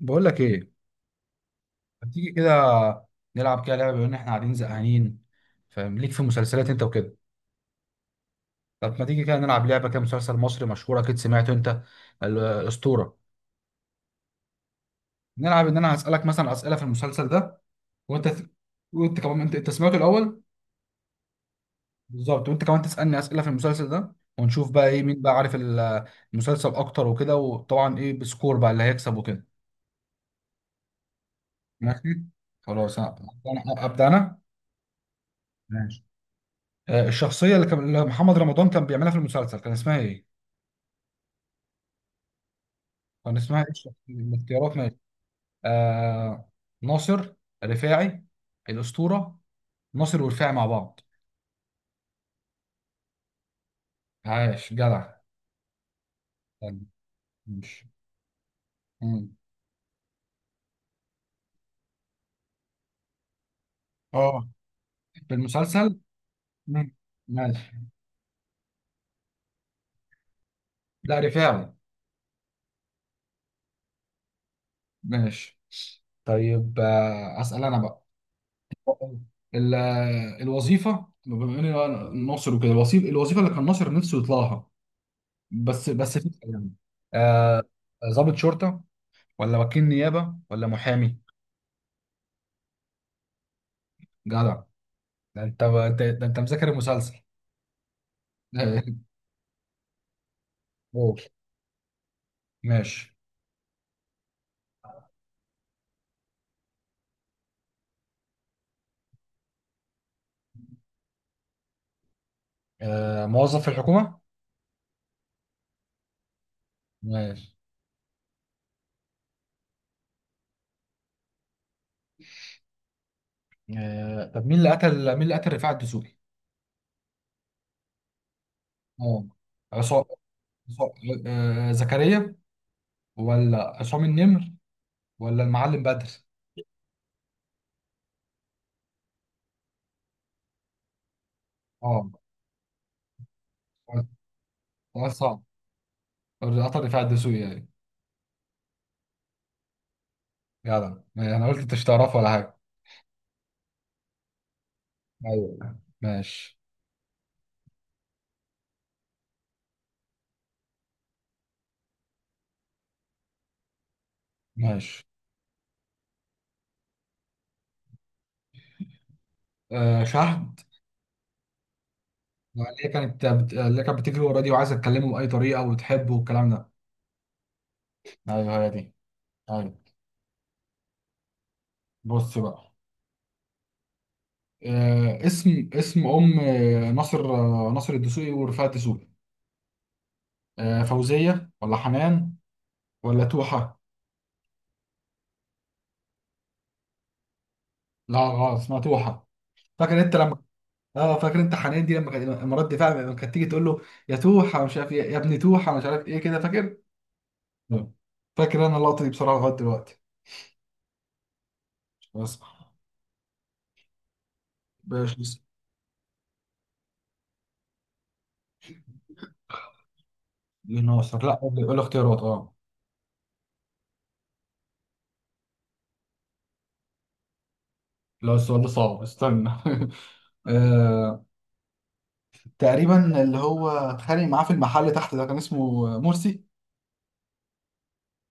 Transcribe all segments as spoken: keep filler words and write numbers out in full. بقول لك ايه. ما تيجي كده نلعب كده لعبه بما ان احنا قاعدين زهقانين. فاهم ليك في مسلسلات انت وكده؟ طب ما تيجي كده نلعب لعبه كده مسلسل مصري مشهور اكيد سمعته انت. ال- الاسطوره. نلعب ان انا هسالك مثلا اسئله في المسلسل ده، وانت وانت كمان انت انت سمعته الاول. بالظبط، وانت كمان تسالني اسئله في المسلسل ده ونشوف بقى ايه مين بقى عارف ال- المسلسل اكتر وكده، وطبعا ايه بسكور بقى اللي هيكسب وكده. ماشي خلاص. انا أنا- ابدا انا. ماشي. آه، الشخصية اللي كان اللي محمد رمضان كان بيعملها في المسلسل كان اسمها ايه؟ كان اسمها ايه الشخصية؟ الاختيارات، ماشي. آه ناصر، رفاعي، الأسطورة، ناصر ورفاعي مع بعض. عاش جدع. يعني، مش. مم. اه، في المسلسل. مم. ماشي. لا رفاعي. ماشي. طيب آه أسأل أنا بقى. ال- الوظيفة بما إني أنا ناصر وكده، الوظيفة الوظيفة اللي كان ناصر نفسه يطلعها. بس بس في يعني. آه، ضابط شرطة، ولا وكيل نيابة، ولا محامي؟ جدع. ده انت، ده ده انت مذاكر المسلسل. قول. ماشي. آه موظف في الحكومة. ماشي. آه طب مين اللي قتل مين اللي قتل رفاعة الدسوقي؟ اه، عصام عصام- آه، زكريا، ولا عصام النمر، ولا المعلم بدر؟ اه، سؤال صعب. قطر رفاعة الدسوقي يعني. جدع ما- انا قلت انت مش تعرفه ولا حاجة. ايوه. ماشي ماشي. آه شهر. آه، اللي هي كانت بت... اللي كانت بتجري ورا دي وعايزه تكلمه باي طريقه وتحبه والكلام ده. ايوه هي دي. ايوه. بص بقى. آه اسم اسم ام آه، ناصر آه، ناصر الدسوقي ورفاعة الدسوقي. آه فوزيه، ولا حنان، ولا توحه؟ لا غلط، اسمها توحه. فاكر انت لما اه فاكر انت حنان دي لما كانت مرات دفاع، لما كانت تيجي تقول له يا توحه مش عارف ايه يا ابني، توحه مش عارف ايه كده، فاكر؟ نعم. فاكر انا اللقطه دي بصراحه لغايه دلوقتي. بس. مش. ناصر لا. قول لي قول لي اختيارات. اه. لا السؤال ده صعب، استنى. آه، تقريبا اللي هو اتخانق معاه في المحل تحت ده كان اسمه مرسي.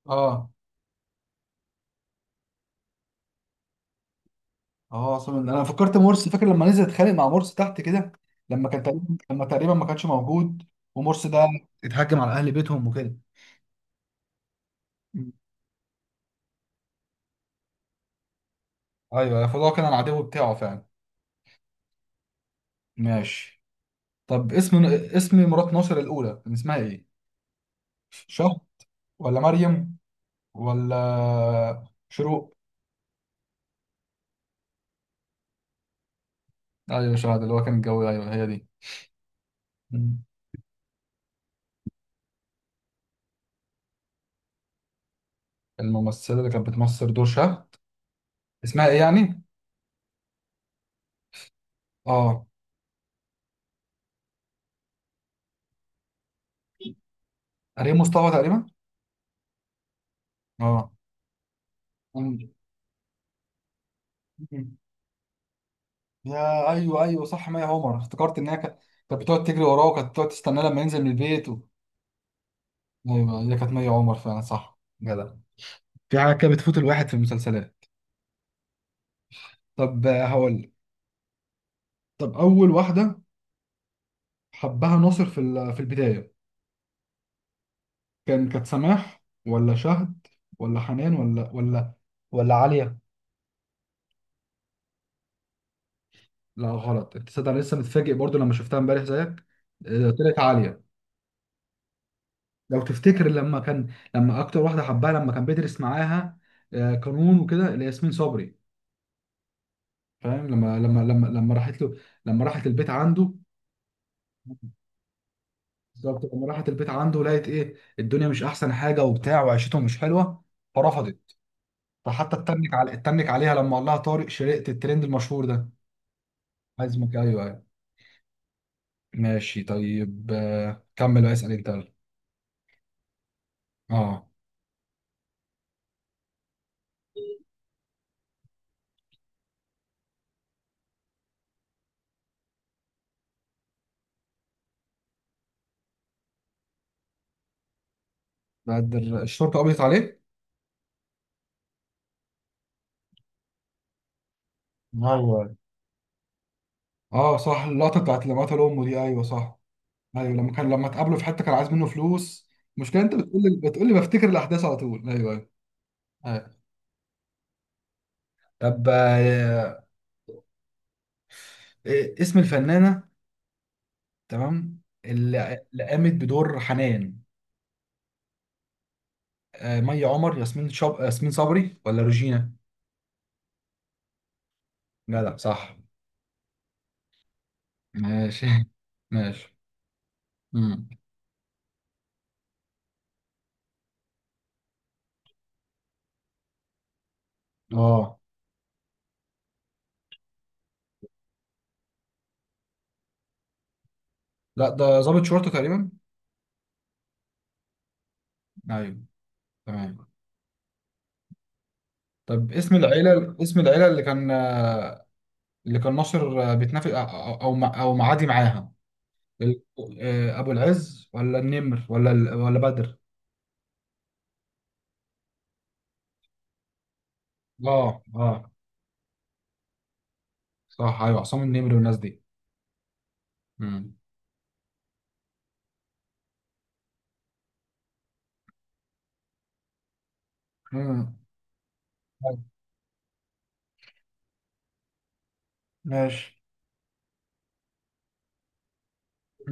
اه اه، اصلا انا فكرت مرسي. فاكر لما نزل اتخانق مع مرسي تحت كده، لما كان تقريبا لما تقريبا ما كانش موجود. ومرسي ده اتهجم على اهل بيتهم وكده. مم. ايوه، فده كان العدو بتاعه فعلا. ماشي. طب اسم اسم مرات ناصر الاولى كان اسمها ايه؟ شهد، ولا مريم، ولا شروق؟ ايوه شهد، اللي هو كان الجو. ايوه هي دي. الممثلة اللي كانت بتمثل دور شهد، اسمها ايه يعني؟ اه، ريم مصطفى تقريبا. اه. أم- أم. يا ايوه ايوه صح مي عمر. افتكرت ان هي كانت كانت بتقعد تجري وراه وكانت بتقعد تستناه لما ينزل من البيت و... ايوه هي كانت مي عمر فعلا صح جدع. في حاجة كده بتفوت الواحد في المسلسلات. طب آه، هقول لك. طب اول واحدة حبها ناصر في ال- في البداية. كان كانت سماح، ولا شهد، ولا حنان، ولا ولا ولا عالية؟ لا غلط، انت تصدق انا لسه متفاجئ برضو لما شفتها امبارح زيك. آه، طلعت عاليه. لو تفتكر لما كان لما اكتر واحده حبها لما كان بيدرس معاها آه، قانون وكده، اللي هي ياسمين صبري. فاهم لما لما لما لما راحت له، لما راحت البيت عنده. بالظبط لما راحت البيت عنده لقيت ايه الدنيا مش احسن حاجه وبتاع وعيشتهم مش حلوه، فرفضت. فحتى اتنك على اتنك عليها لما قال لها طارق شرقت الترند المشهور ده. عايزمك ايوه ايوه. ماشي. طيب آه، كمل بقى اسال انت. اه، بعد الشرطه قبضت عليه. هو. اه صح، اللقطه بتاعت لما قتل امه دي ايوه صح. ايوه لما كان لما اتقابلوا في حته كان عايز منه فلوس. المشكله انت بتقول لي بتقول لي بفتكر الاحداث على طول. ايوه ايوه. أيوة. طب آه، إيه اسم الفنانه تمام اللي اللي قامت بدور حنان؟ آه، مي عمر، ياسمين شب... ياسمين صبري، ولا روجينا؟ جدع صح. ماشي. ماشي. امم. اه لا، ده ضابط شرطه تقريبا. ايوه. تمام. طب اسم العيله اسم العيله اللي كان آه، اللي كان ناصر آه، بيتنافس او او او مع- أو معادي معاها. ال- آه، ابو العز، ولا النمر، ولا ال- ولا بدر. اه اه صح. ايوه عصام النمر والناس دي. امم. أمم. طيب، ماشي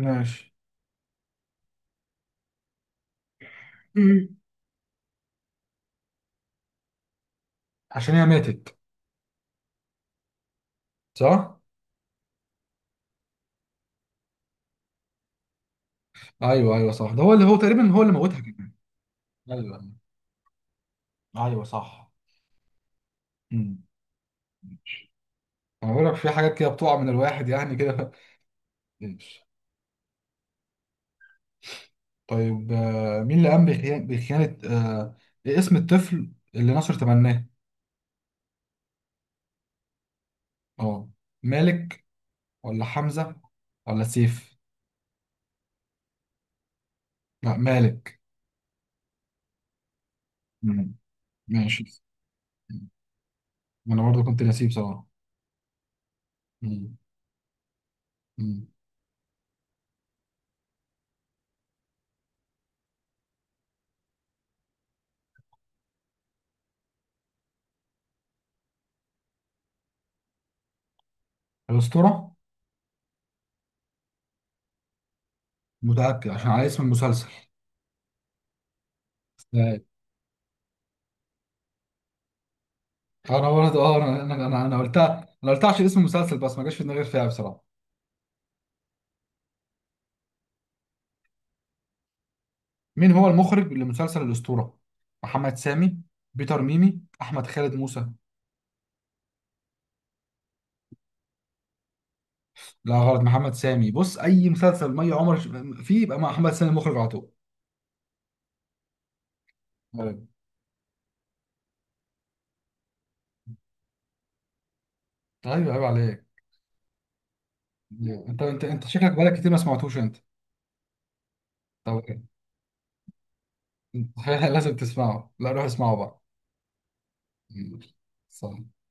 ماشي. أمم. عشان هي ماتت. صح. ايوه ايوه صح، ده هو اللي هو تقريبا هو اللي موتها كمان. ايوه ايوه صح. امم. انا بقول لك في حاجات كده بتقع من الواحد يعني كده. ماشي. طيب آه، مين اللي قام بخيانة, بخيانة، آه، اسم الطفل اللي ناصر تبناه؟ اه، مالك، ولا حمزة، ولا سيف؟ لا مالك. مم. ماشي. انا برضو كنت نسيب بصراحة. مم. مم. الأسطورة. متأكد، عشان على اسم المسلسل. لا. انا برضو اه انا انا انا أنا قلتها انا قلتها عشان اسم المسلسل، بس ما جاش في دماغي غير فيها بصراحة. مين هو المخرج لمسلسل الأسطورة؟ محمد سامي، بيتر ميمي، احمد خالد موسى. لا غلط، محمد سامي. بص اي مسلسل مي عمر ش- فيه يبقى محمد سامي مخرج على طول. ايوه ايوه عيب عليك. انت انت انت شكلك بقالك كتير ما سمعتوش انت. طب انت لازم تسمعه. لا روح اسمعه بقى. مم. صح.